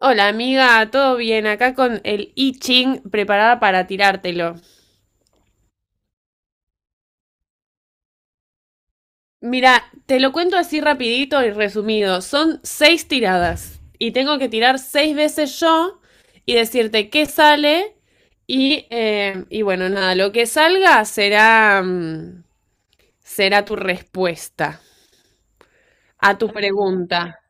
Hola amiga, ¿todo bien? Acá con el I Ching preparada para tirártelo. Mira, te lo cuento así rapidito y resumido. Son seis tiradas y tengo que tirar seis veces yo y decirte qué sale y bueno, nada, lo que salga será tu respuesta a tu pregunta.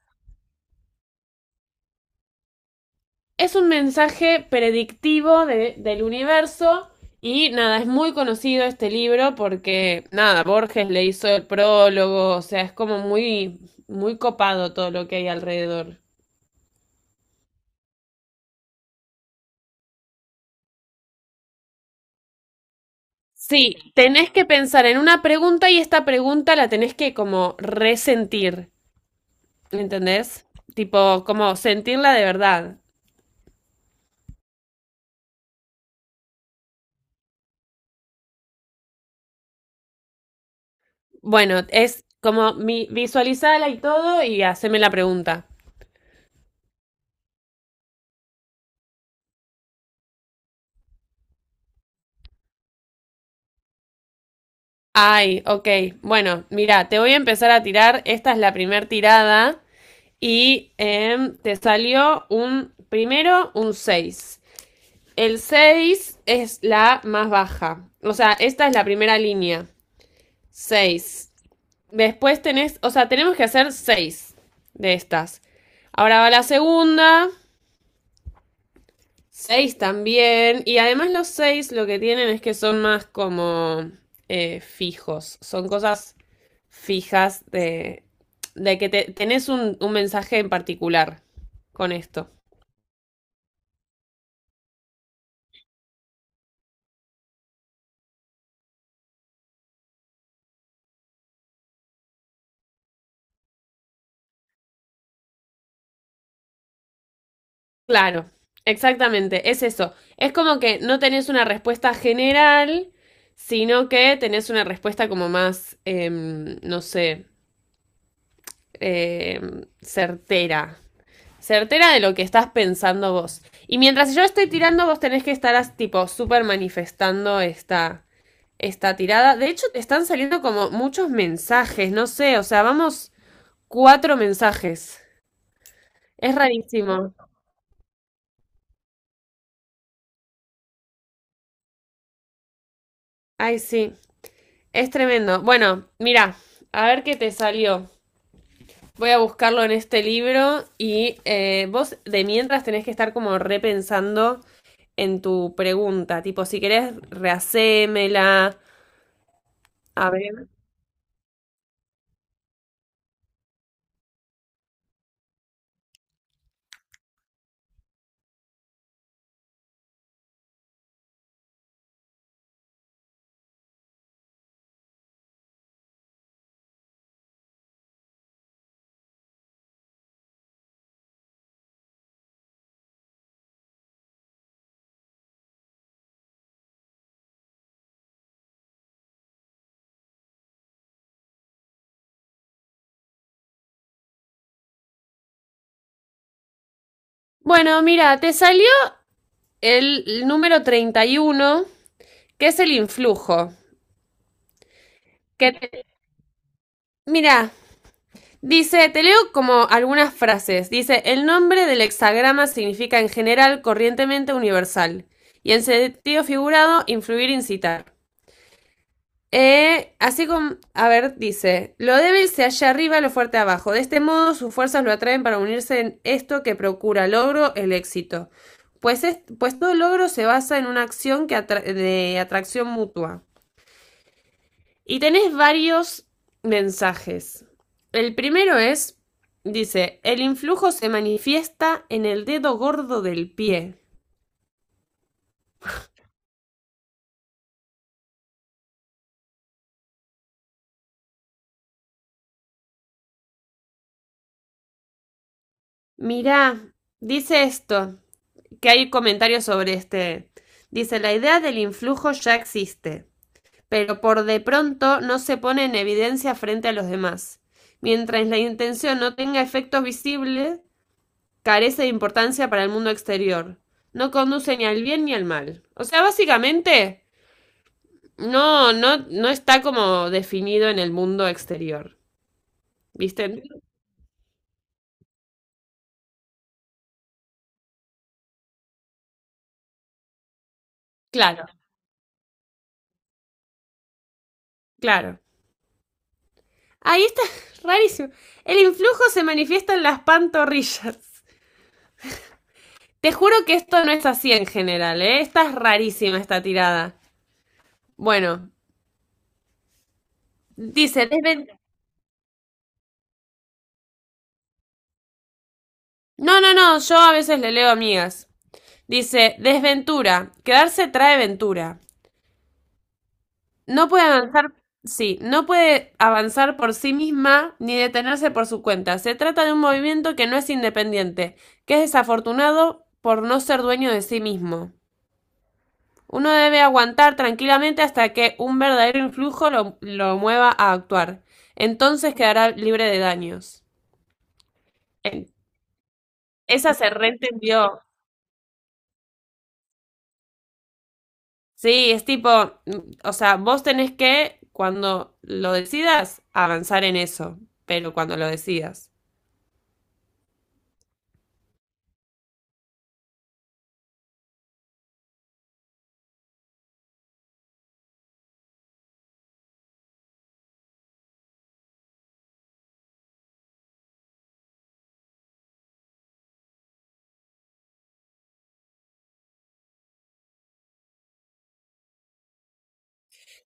Es un mensaje predictivo del universo y nada, es muy conocido este libro porque nada, Borges le hizo el prólogo, o sea, es como muy, muy copado todo lo que hay alrededor. Sí, tenés que pensar en una pregunta y esta pregunta la tenés que como resentir, ¿entendés? Tipo, como sentirla de verdad. Bueno, es como visualizala y todo y haceme la pregunta. Ay, ok. Bueno, mira, te voy a empezar a tirar. Esta es la primer tirada y te salió primero un 6. El 6 es la más baja. O sea, esta es la primera línea. 6. Después tenés, o sea, tenemos que hacer 6 de estas. Ahora va la segunda. Seis también. Y además los seis lo que tienen es que son más como fijos. Son cosas fijas de que tenés un mensaje en particular con esto. Claro, exactamente. Es eso. Es como que no tenés una respuesta general, sino que tenés una respuesta como más, no sé, em, certera. certera de lo que estás pensando vos. Y mientras yo estoy tirando, vos tenés que estar tipo súper manifestando esta tirada. De hecho, te están saliendo como muchos mensajes, no sé, o sea, vamos cuatro mensajes. Es rarísimo. Ay, sí, es tremendo. Bueno, mira, a ver qué te salió. Voy a buscarlo en este libro y vos de mientras tenés que estar como repensando en tu pregunta, tipo si querés rehacémela. A ver. Bueno, mira, te salió el número 31, que es el influjo. Que mira, dice, te leo como algunas frases. Dice, el nombre del hexagrama significa en general, corrientemente universal. Y en sentido figurado, influir, incitar. Así como, a ver, dice, lo débil se halla arriba, lo fuerte abajo. De este modo sus fuerzas lo atraen para unirse en esto que procura logro, el éxito. Pues, es- pues todo logro se basa en una acción que de atracción mutua. Y tenés varios mensajes. El primero es, dice, el influjo se manifiesta en el dedo gordo del pie. Mirá, dice esto, que hay comentarios sobre este. Dice, la idea del influjo ya existe, pero por de pronto no se pone en evidencia frente a los demás. Mientras la intención no tenga efectos visibles, carece de importancia para el mundo exterior. No conduce ni al bien ni al mal. O sea, básicamente, no está como definido en el mundo exterior. ¿Viste? Claro, claro. Ahí está, rarísimo. El influjo se manifiesta en las pantorrillas. Te juro que esto no es así en general, ¿eh? Esta es rarísima esta tirada. Bueno, dice, desven- no, no, no, yo a veces le leo amigas. Dice, desventura, quedarse trae ventura. No puede avanzar, sí, no puede avanzar por sí misma ni detenerse por su cuenta. Se trata de un movimiento que no es independiente, que es desafortunado por no ser dueño de sí mismo. Uno debe aguantar tranquilamente hasta que un verdadero influjo lo mueva a actuar. Entonces quedará libre de daños. En- Esa se reentendió. Sí, es tipo, o sea, vos tenés que, cuando lo decidas, avanzar en eso, pero cuando lo decidas.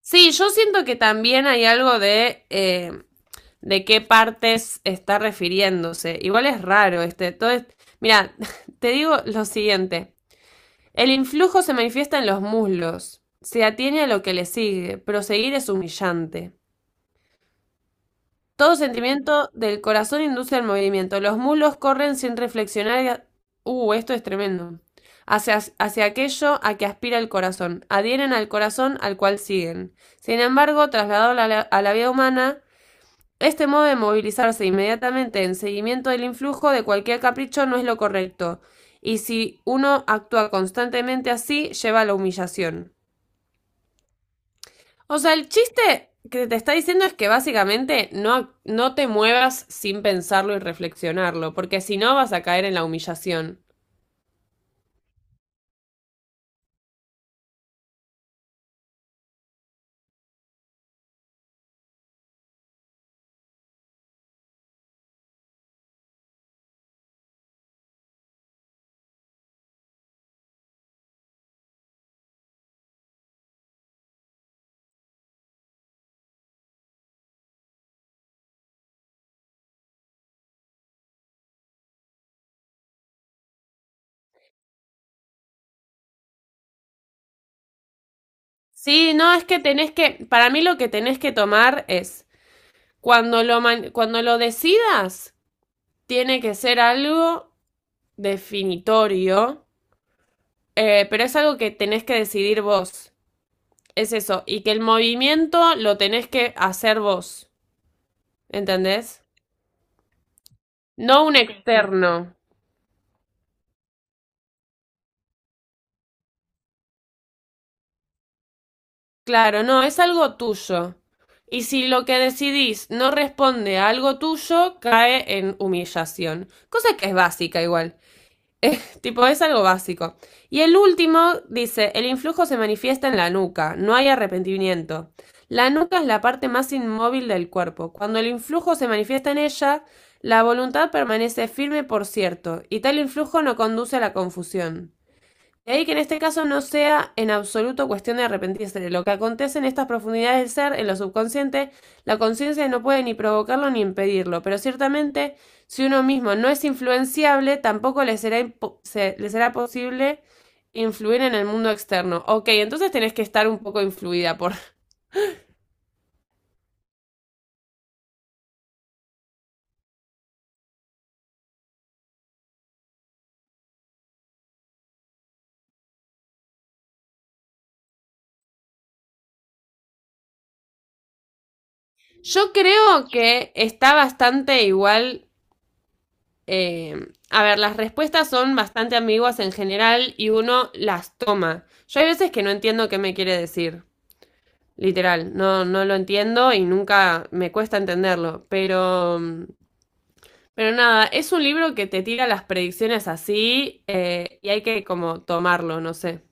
Sí, yo siento que también hay algo de qué partes está refiriéndose. Igual es raro este, todo es- Mira, te digo lo siguiente. El influjo se manifiesta en los muslos. Se atiene a lo que le sigue. Proseguir es humillante. Todo sentimiento del corazón induce al movimiento. Los muslos corren sin reflexionar. Esto es tremendo. Hacia aquello a que aspira el corazón. Adhieren al corazón al cual siguen. Sin embargo, trasladado a a la vida humana, este modo de movilizarse inmediatamente en seguimiento del influjo de cualquier capricho no es lo correcto. Y si uno actúa constantemente así, lleva a la humillación. O sea, el chiste que te está diciendo es que básicamente no, no te muevas sin pensarlo y reflexionarlo, porque si no vas a caer en la humillación. Sí, no, es que tenés que, para mí lo que tenés que tomar es, cuando lo, cuando lo decidas, tiene que ser algo definitorio, pero es algo que tenés que decidir vos. Es eso, y que el movimiento lo tenés que hacer vos, ¿entendés? No un externo. Claro, no, es algo tuyo. Y si lo que decidís no responde a algo tuyo, cae en humillación. Cosa que es básica igual. Tipo, es algo básico. Y el último dice, el influjo se manifiesta en la nuca, no hay arrepentimiento. La nuca es la parte más inmóvil del cuerpo. Cuando el influjo se manifiesta en ella, la voluntad permanece firme por cierto, y tal influjo no conduce a la confusión. De ahí que en este caso no sea en absoluto cuestión de arrepentirse. De lo que acontece en estas profundidades del ser, en lo subconsciente, la conciencia no puede ni provocarlo ni impedirlo, pero ciertamente si uno mismo no es influenciable, tampoco le será, le será posible influir en el mundo externo. Ok, entonces tenés que estar un poco influida por... Yo creo que está bastante igual... eh, a ver, las respuestas son bastante ambiguas en general y uno las toma. Yo hay veces que no entiendo qué me quiere decir. Literal, no, no lo entiendo y nunca me cuesta entenderlo, pero nada, es un libro que te tira las predicciones así y hay que como tomarlo, no sé.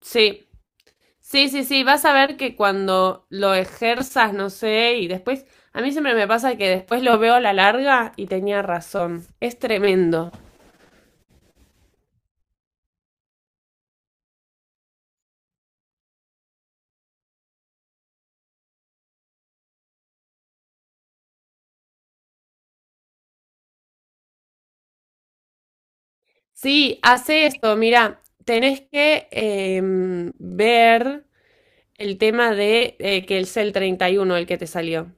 Sí, sí, sí, sí, vas a ver que cuando lo ejerzas, no sé, y después, a mí siempre me pasa que después lo veo a la larga y tenía razón, es tremendo. Sí, hace esto, mira, tenés que ver el tema de que es el 31 el que te salió.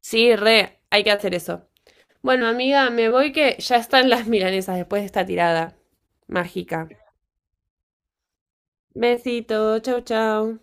Sí, re, hay que hacer eso. Bueno, amiga, me voy que ya están las milanesas después de esta tirada mágica. Besito, chau, chau.